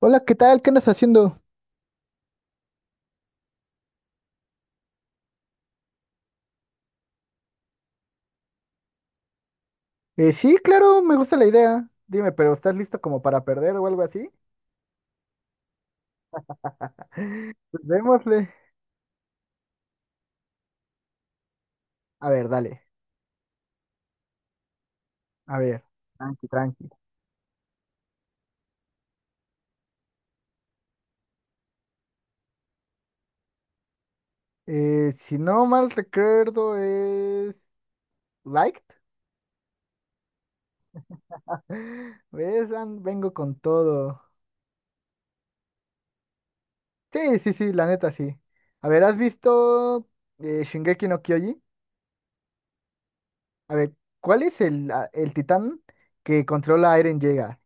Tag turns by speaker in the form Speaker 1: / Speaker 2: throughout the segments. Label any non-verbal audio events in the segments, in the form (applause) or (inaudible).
Speaker 1: Hola, ¿qué tal? ¿Qué andas haciendo? Sí, claro, me gusta la idea. Dime, pero ¿estás listo como para perder o algo así? (laughs) Pues démosle. A ver, dale. A ver, tranqui, tranqui. Si no mal recuerdo es... Liked. (laughs) ¿Ves? Vengo con todo. Sí, sí, sí, la neta sí. A ver, ¿has visto Shingeki no Kyoji? A ver, ¿cuál es el titán que controla a Eren Yeager?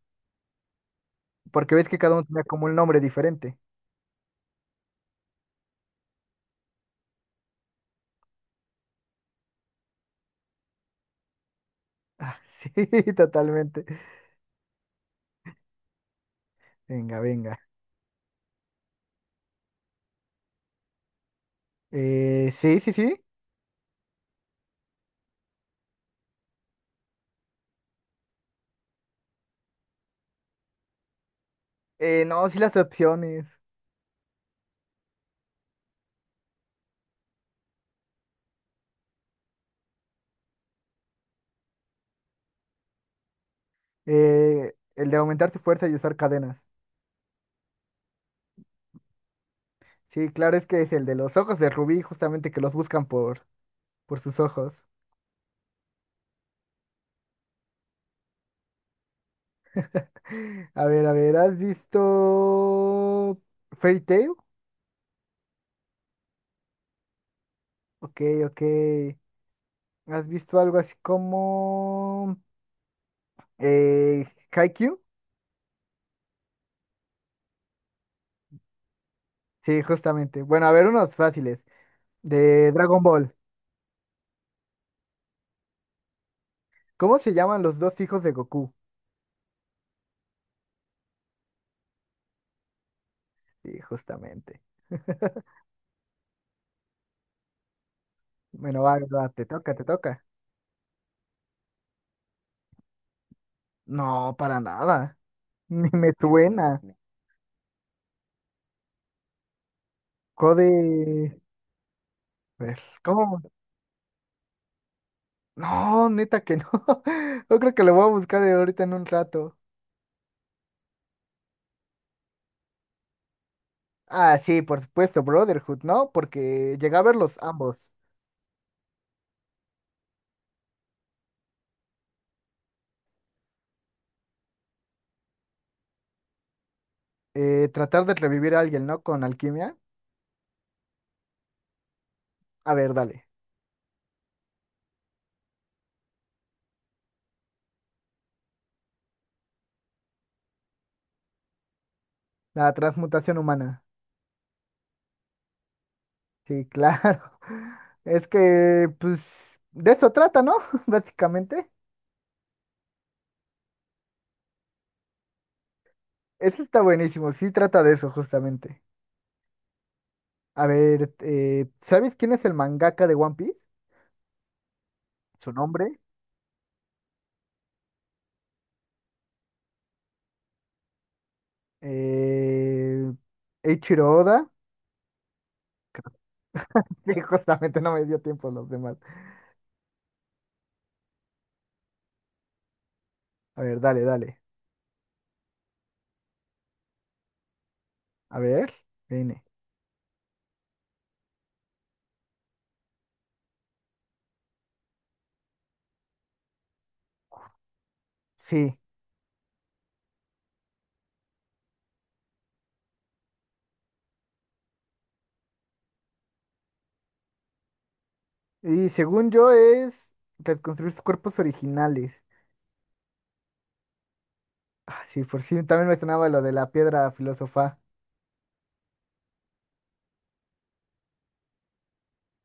Speaker 1: Porque ves que cada uno tenía como un nombre diferente. Ah, (laughs) sí, totalmente. Venga, venga. Sí, sí, sí. No, sí las opciones. El de aumentar su fuerza y usar cadenas. Sí, claro, es que es el de los ojos de Rubí, justamente que los buscan por sus ojos. (laughs) A ver, ¿has visto Fairy Tail? Ok, ok. ¿Has visto algo así como eh, Haikyuu? Sí, justamente. Bueno, a ver, unos fáciles. De Dragon Ball. ¿Cómo se llaman los dos hijos de Goku? Sí, justamente. (laughs) Bueno, va, va, te toca, te toca. No, para nada. (laughs) Ni me Dios suena. Code. A ver, ¿cómo? No, neta que no. (laughs) Yo creo que lo voy a buscar ahorita en un rato. Ah, sí, por supuesto, Brotherhood, ¿no? Porque llegué a verlos ambos. Tratar de revivir a alguien, ¿no? Con alquimia. A ver, dale. La transmutación humana. Sí, claro. (laughs) Es que, pues, de eso trata, ¿no? (laughs) Básicamente. Eso está buenísimo. Sí, trata de eso, justamente. A ver, ¿sabes quién es el mangaka de One Piece? Su nombre. Eh, Eiichiro Oda. (laughs) Sí, justamente no me dio tiempo los demás. A ver, dale, dale. A ver, viene. Sí. Y según yo es reconstruir sus cuerpos originales. Ah, sí, por si también me sonaba lo de la piedra filósofa.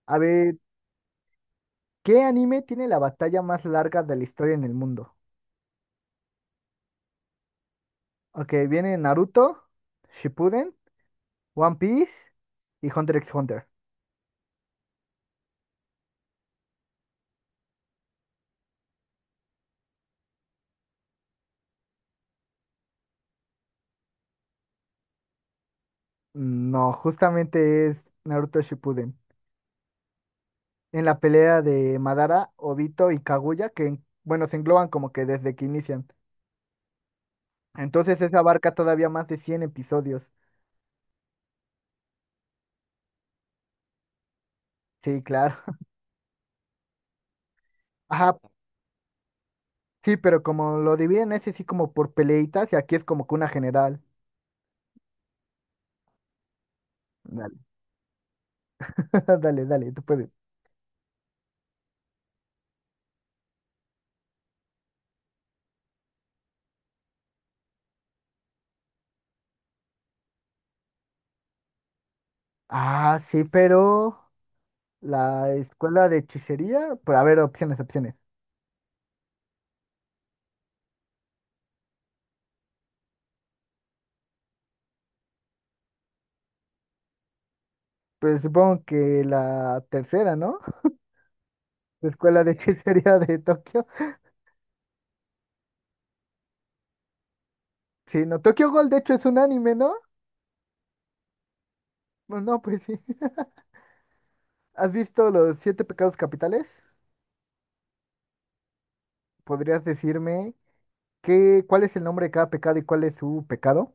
Speaker 1: A ver, ¿qué anime tiene la batalla más larga de la historia en el mundo? Ok, viene Naruto, Shippuden, One Piece y Hunter x Hunter. No, justamente es Naruto Shippuden. En la pelea de Madara, Obito y Kaguya, que bueno, se engloban como que desde que inician. Entonces eso abarca todavía más de 100 episodios. Sí, claro. (laughs) Ajá, sí, pero como lo dividen ese sí como por peleitas y aquí es como que una general. Dale, (laughs) dale, dale, tú puedes. Ah, sí, pero la escuela de hechicería, por ver opciones, opciones. Pues supongo que la tercera, ¿no? (laughs) La escuela de hechicería de Tokio. Sí, no. Tokyo Ghoul, de hecho, es un anime, ¿no? No, no, pues sí. (laughs) ¿Has visto los siete pecados capitales? ¿Podrías decirme cuál es el nombre de cada pecado y cuál es su pecado?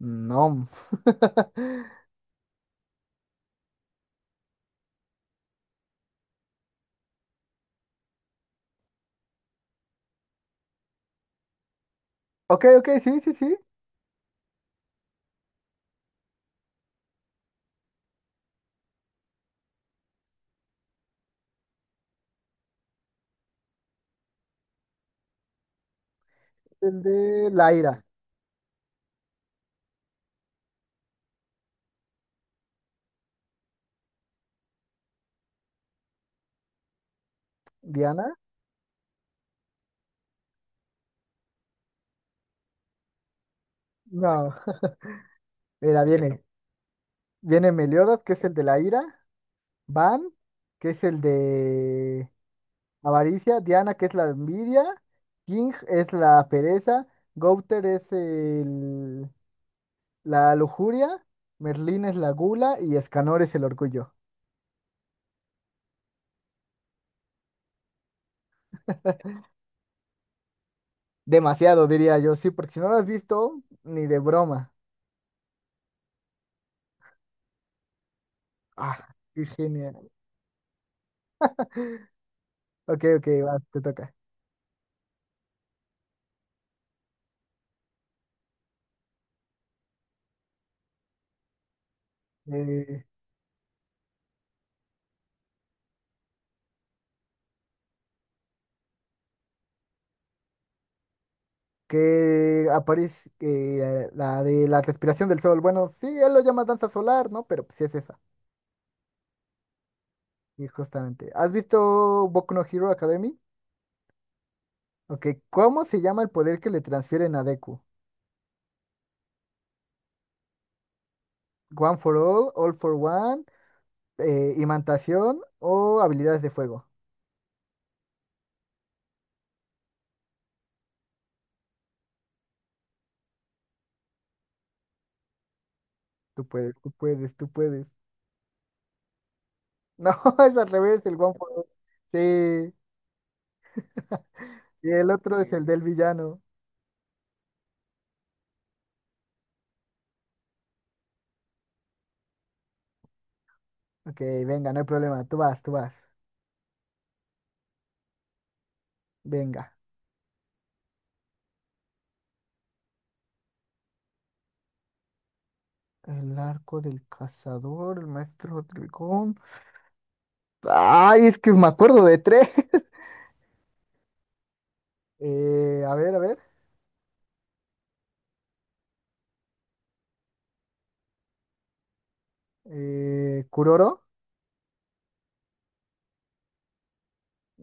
Speaker 1: No. (laughs) Ok, ok, sí, sí, sí. El de la ira. Diana. No. (laughs) Mira, viene. Viene Meliodas, que es el de la ira. Van, que es el de avaricia. Diana, que es la envidia. King es la pereza. Gouter es el... La lujuria, Merlín es la gula y Escanor es el orgullo. Demasiado, diría yo, sí, porque si no lo has visto, ni de broma. Ah, qué genial. Ok, ok, va, te toca. Eh, que aparece la de la respiración del sol. Bueno, sí, él lo llama danza solar, ¿no? Pero sí es esa. Y justamente. ¿Has visto Boku no Hero Academy? Ok, ¿cómo se llama el poder que le transfieren a Deku? One for all, all for one, imantación o habilidades de fuego. Tú puedes, tú puedes, tú puedes. No, (laughs) es al revés, el One for All. Sí, (laughs) y el otro es el del villano. Ok, venga, no hay problema. Tú vas, tú vas. Venga. El arco del cazador, el maestro dragón. Ay, es que me acuerdo de tres. (laughs) A ver, a ver. Kuroro.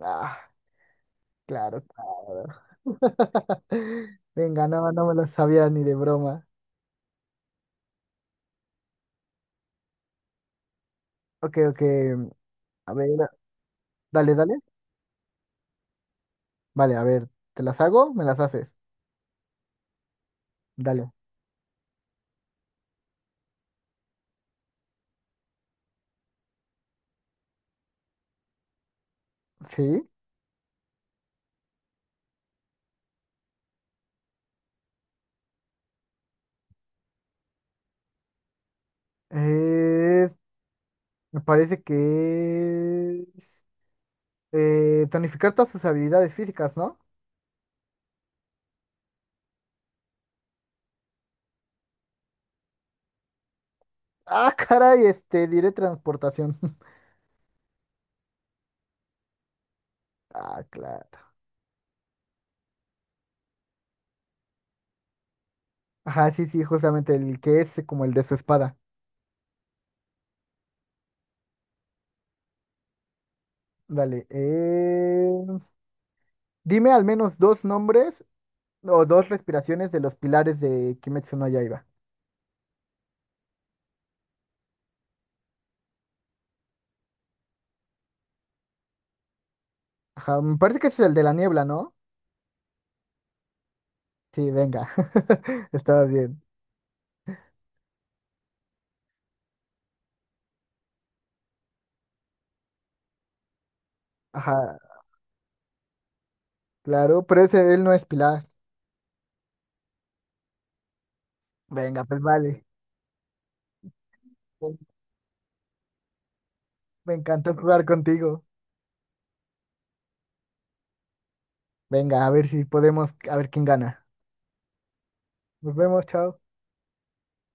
Speaker 1: Ah, claro, claro. (laughs) Venga, no, no me lo sabía ni de broma. Ok, ok. A ver, dale, dale. Vale, a ver, ¿te las hago? ¿Me las haces? Dale. Sí, es, me parece que es tonificar todas sus habilidades físicas, ¿no? Ah, (laughs) caray, este, diré transportación. (laughs) Ah, claro. Ajá, sí, sí, justamente el que es como el de su espada. Dale. Dime al menos dos nombres o dos respiraciones de los pilares de Kimetsu no Yaiba. Ajá, me parece que ese es el de la niebla, ¿no? Sí, venga. (laughs) Estaba bien. Ajá, claro, pero ese él no es pilar. Venga, pues vale. Me encantó jugar contigo. Venga, a ver si podemos, a ver quién gana. Nos vemos, chao.